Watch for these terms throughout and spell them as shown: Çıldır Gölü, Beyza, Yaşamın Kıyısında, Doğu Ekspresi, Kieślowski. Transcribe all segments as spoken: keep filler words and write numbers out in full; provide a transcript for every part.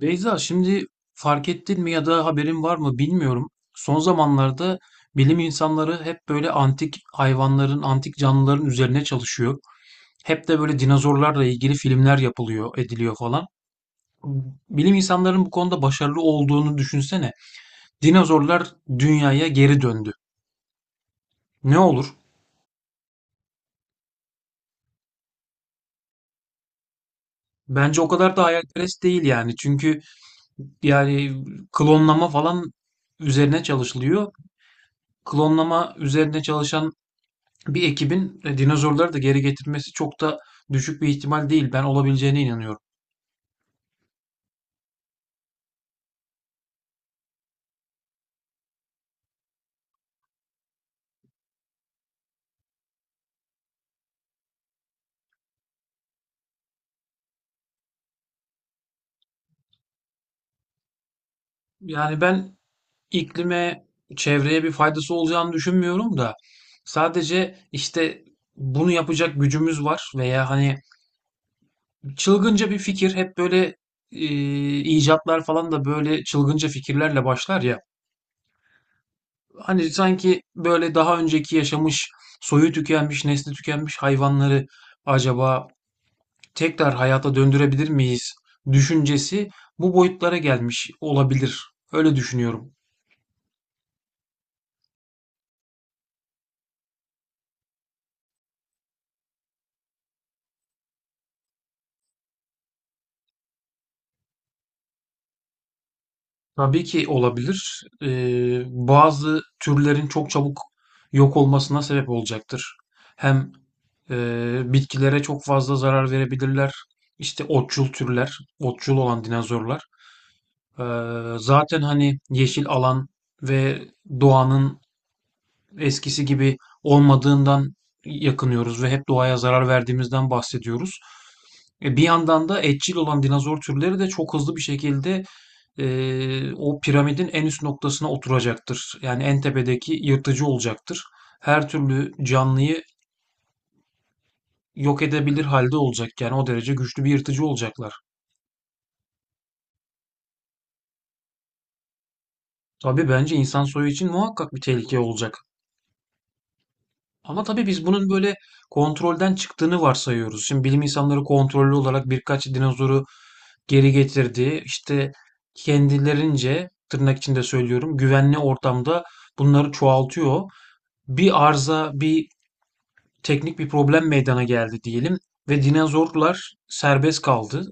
Beyza, şimdi fark ettin mi ya da haberin var mı bilmiyorum. Son zamanlarda bilim insanları hep böyle antik hayvanların, antik canlıların üzerine çalışıyor. Hep de böyle dinozorlarla ilgili filmler yapılıyor, ediliyor falan. Bilim insanların bu konuda başarılı olduğunu düşünsene. Dinozorlar dünyaya geri döndü. Ne olur? Bence o kadar da hayalperest değil yani. Çünkü yani klonlama falan üzerine çalışılıyor. Klonlama üzerine çalışan bir ekibin e, dinozorları da geri getirmesi çok da düşük bir ihtimal değil. Ben olabileceğine inanıyorum. Yani ben iklime, çevreye bir faydası olacağını düşünmüyorum da sadece işte bunu yapacak gücümüz var veya hani çılgınca bir fikir hep böyle e, icatlar falan da böyle çılgınca fikirlerle başlar ya. Hani sanki böyle daha önceki yaşamış, soyu tükenmiş, nesli tükenmiş hayvanları acaba tekrar hayata döndürebilir miyiz düşüncesi bu boyutlara gelmiş olabilir. Öyle düşünüyorum. Tabii ki olabilir. Ee, bazı türlerin çok çabuk yok olmasına sebep olacaktır. Hem e, bitkilere çok fazla zarar verebilirler. İşte otçul türler, otçul olan dinozorlar. Ee, Zaten hani yeşil alan ve doğanın eskisi gibi olmadığından yakınıyoruz ve hep doğaya zarar verdiğimizden bahsediyoruz. E, bir yandan da etçil olan dinozor türleri de çok hızlı bir şekilde e, o piramidin en üst noktasına oturacaktır. Yani en tepedeki yırtıcı olacaktır. Her türlü canlıyı yok edebilir halde olacak. Yani o derece güçlü bir yırtıcı olacaklar. Tabii bence insan soyu için muhakkak bir tehlike olacak. Ama tabii biz bunun böyle kontrolden çıktığını varsayıyoruz. Şimdi bilim insanları kontrollü olarak birkaç dinozoru geri getirdi. İşte kendilerince tırnak içinde söylüyorum güvenli ortamda bunları çoğaltıyor. Bir arıza, bir teknik bir problem meydana geldi diyelim ve dinozorlar serbest kaldı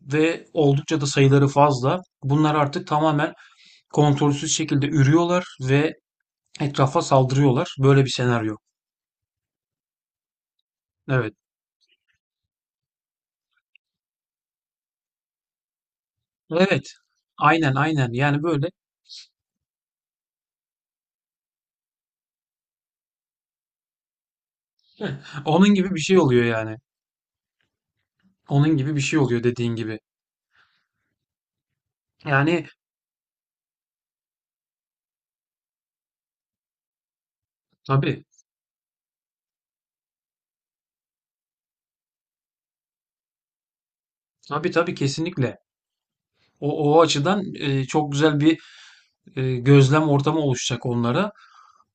ve oldukça da sayıları fazla. Bunlar artık tamamen kontrolsüz şekilde ürüyorlar ve etrafa saldırıyorlar. Böyle bir senaryo. Evet. Evet. Aynen, aynen. Yani böyle onun gibi bir şey oluyor yani. Onun gibi bir şey oluyor dediğin gibi. Yani tabii, tabii tabii kesinlikle. O, o açıdan e, çok güzel bir e, gözlem ortamı oluşacak onlara.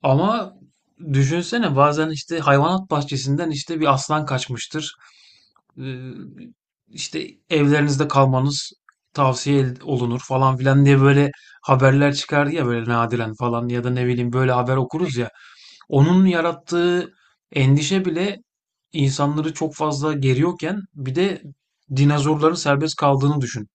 Ama düşünsene bazen işte hayvanat bahçesinden işte bir aslan kaçmıştır. Ee, işte evlerinizde kalmanız tavsiye ed- olunur falan filan diye böyle haberler çıkardı ya böyle nadiren falan ya da ne bileyim böyle haber okuruz ya. Onun yarattığı endişe bile insanları çok fazla geriyorken bir de dinozorların serbest kaldığını düşün.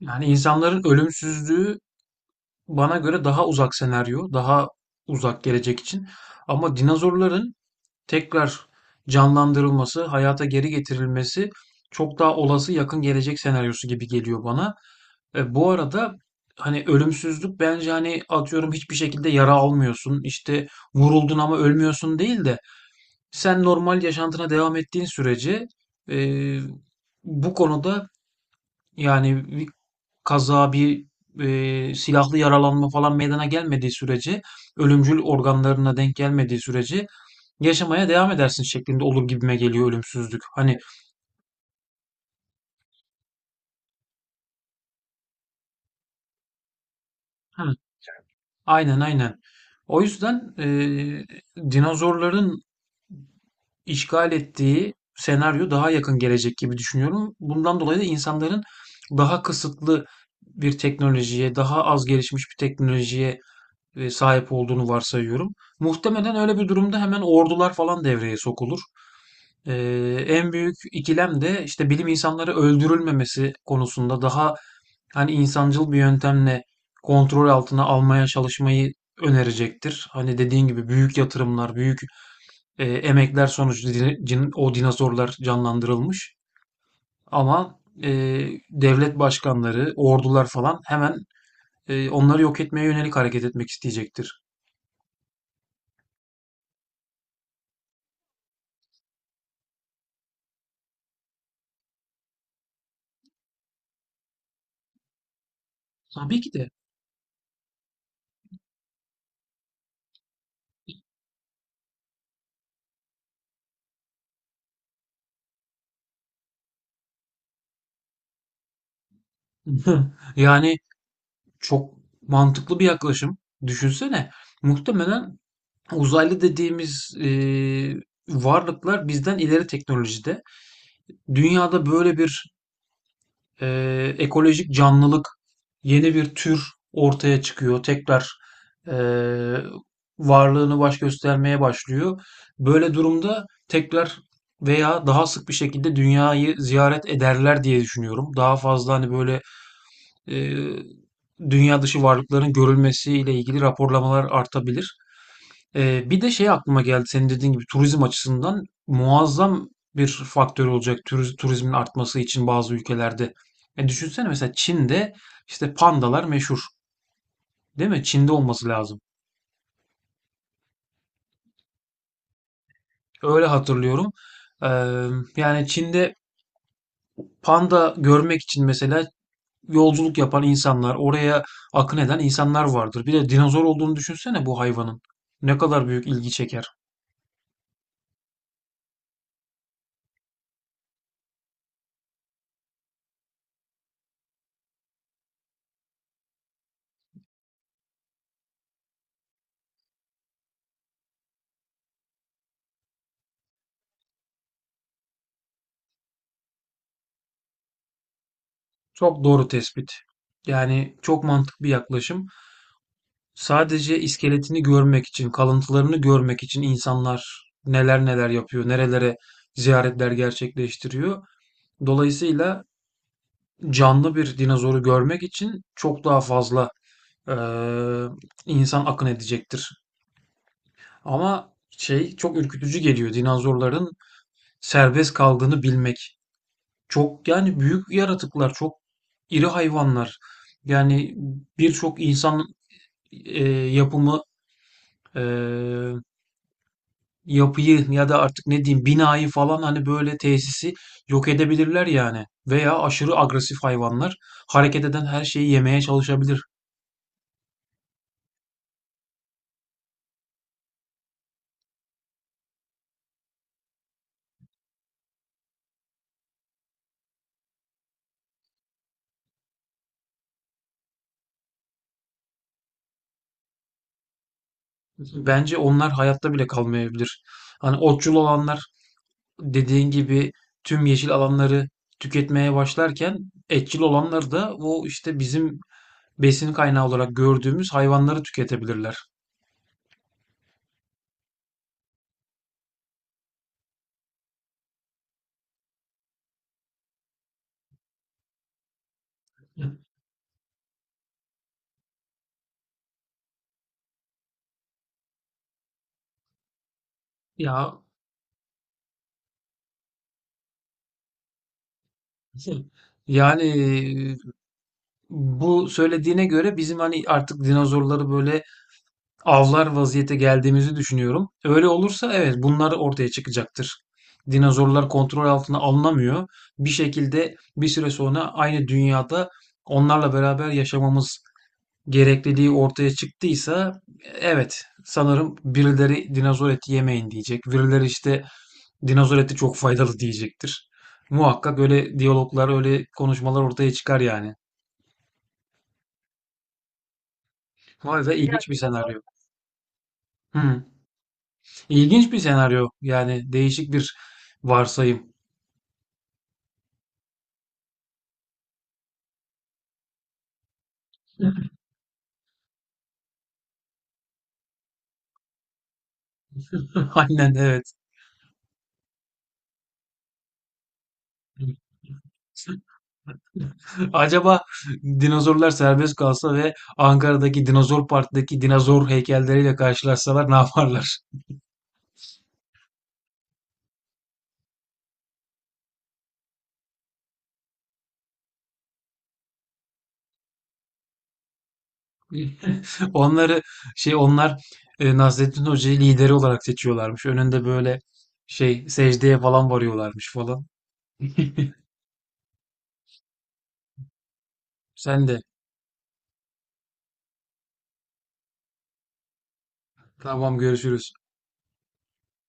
Yani insanların ölümsüzlüğü bana göre daha uzak senaryo, daha uzak gelecek için. Ama dinozorların tekrar canlandırılması, hayata geri getirilmesi çok daha olası yakın gelecek senaryosu gibi geliyor bana. E, bu arada hani ölümsüzlük bence hani atıyorum hiçbir şekilde yara almıyorsun, işte vuruldun ama ölmüyorsun değil de sen normal yaşantına devam ettiğin sürece e, bu konuda yani bir kaza, bir e, silahlı yaralanma falan meydana gelmediği sürece, ölümcül organlarına denk gelmediği sürece yaşamaya devam edersin şeklinde olur gibime geliyor ölümsüzlük. Hani hı, aynen, aynen. O yüzden e, dinozorların işgal ettiği senaryo daha yakın gelecek gibi düşünüyorum. Bundan dolayı da insanların daha kısıtlı bir teknolojiye, daha az gelişmiş bir teknolojiye e, sahip olduğunu varsayıyorum. Muhtemelen öyle bir durumda hemen ordular falan devreye sokulur. E, En büyük ikilem de işte bilim insanları öldürülmemesi konusunda daha hani insancıl bir yöntemle kontrol altına almaya çalışmayı önerecektir. Hani dediğin gibi büyük yatırımlar, büyük e, emekler sonucu di- o dinozorlar canlandırılmış. Ama e, devlet başkanları, ordular falan hemen e, onları yok etmeye yönelik hareket etmek isteyecektir. Tabii ki de. Yani çok mantıklı bir yaklaşım. Düşünsene, muhtemelen uzaylı dediğimiz e, varlıklar bizden ileri teknolojide. Dünyada böyle bir Eee, ekolojik canlılık, yeni bir tür ortaya çıkıyor. Tekrar eee, varlığını baş göstermeye başlıyor. Böyle durumda tekrar veya daha sık bir şekilde dünyayı ziyaret ederler diye düşünüyorum. Daha fazla hani böyle eee, dünya dışı varlıkların görülmesiyle ilgili raporlamalar artabilir. Ee, bir de şey aklıma geldi senin dediğin gibi turizm açısından muazzam bir faktör olacak turiz- turizmin artması için bazı ülkelerde. E, düşünsene mesela Çin'de işte pandalar meşhur, değil mi? Çin'de olması lazım. Öyle hatırlıyorum. Ee, Yani Çin'de panda görmek için mesela yolculuk yapan insanlar, oraya akın eden insanlar vardır. Bir de dinozor olduğunu düşünsene bu hayvanın. Ne kadar büyük ilgi çeker. Çok doğru tespit. Yani çok mantıklı bir yaklaşım. Sadece iskeletini görmek için, kalıntılarını görmek için insanlar neler neler yapıyor, nerelere ziyaretler gerçekleştiriyor. Dolayısıyla canlı bir dinozoru görmek için çok daha fazla eee, insan akın edecektir. Ama şey çok ürkütücü geliyor dinozorların serbest kaldığını bilmek. Çok yani büyük yaratıklar, çok iri hayvanlar. Yani birçok insan eee, yapımı eee yapıyı ya da artık ne diyeyim binayı falan hani böyle tesisi yok edebilirler yani. Veya aşırı agresif hayvanlar hareket eden her şeyi yemeye çalışabilir. Bence onlar hayatta bile kalmayabilir. Hani otçul olanlar dediğin gibi tüm yeşil alanları tüketmeye başlarken etçil olanlar da o işte bizim besin kaynağı olarak gördüğümüz hayvanları tüketebilirler. Ya yani bu söylediğine göre bizim hani artık dinozorları böyle avlar vaziyete geldiğimizi düşünüyorum. Öyle olursa evet bunlar ortaya çıkacaktır. Dinozorlar kontrol altına alınamıyor. Bir şekilde bir süre sonra aynı dünyada onlarla beraber yaşamamız gerekliliği ortaya çıktıysa evet sanırım birileri dinozor eti yemeyin diyecek. Birileri işte dinozor eti çok faydalı diyecektir. Muhakkak öyle diyaloglar, öyle konuşmalar ortaya çıkar yani. Vay be. Ya ilginç bir senaryo. Hı. İlginç bir senaryo. Yani değişik bir varsayım. Aynen evet. Acaba dinozorlar serbest kalsa ve Ankara'daki Dinozor Park'taki dinozor heykelleriyle karşılaşsalar ne yaparlar? Onları şey onlar e, Nasrettin Hoca'yı lideri olarak seçiyorlarmış. Önünde böyle şey secdeye falan varıyorlarmış falan. Sen de. Tamam görüşürüz.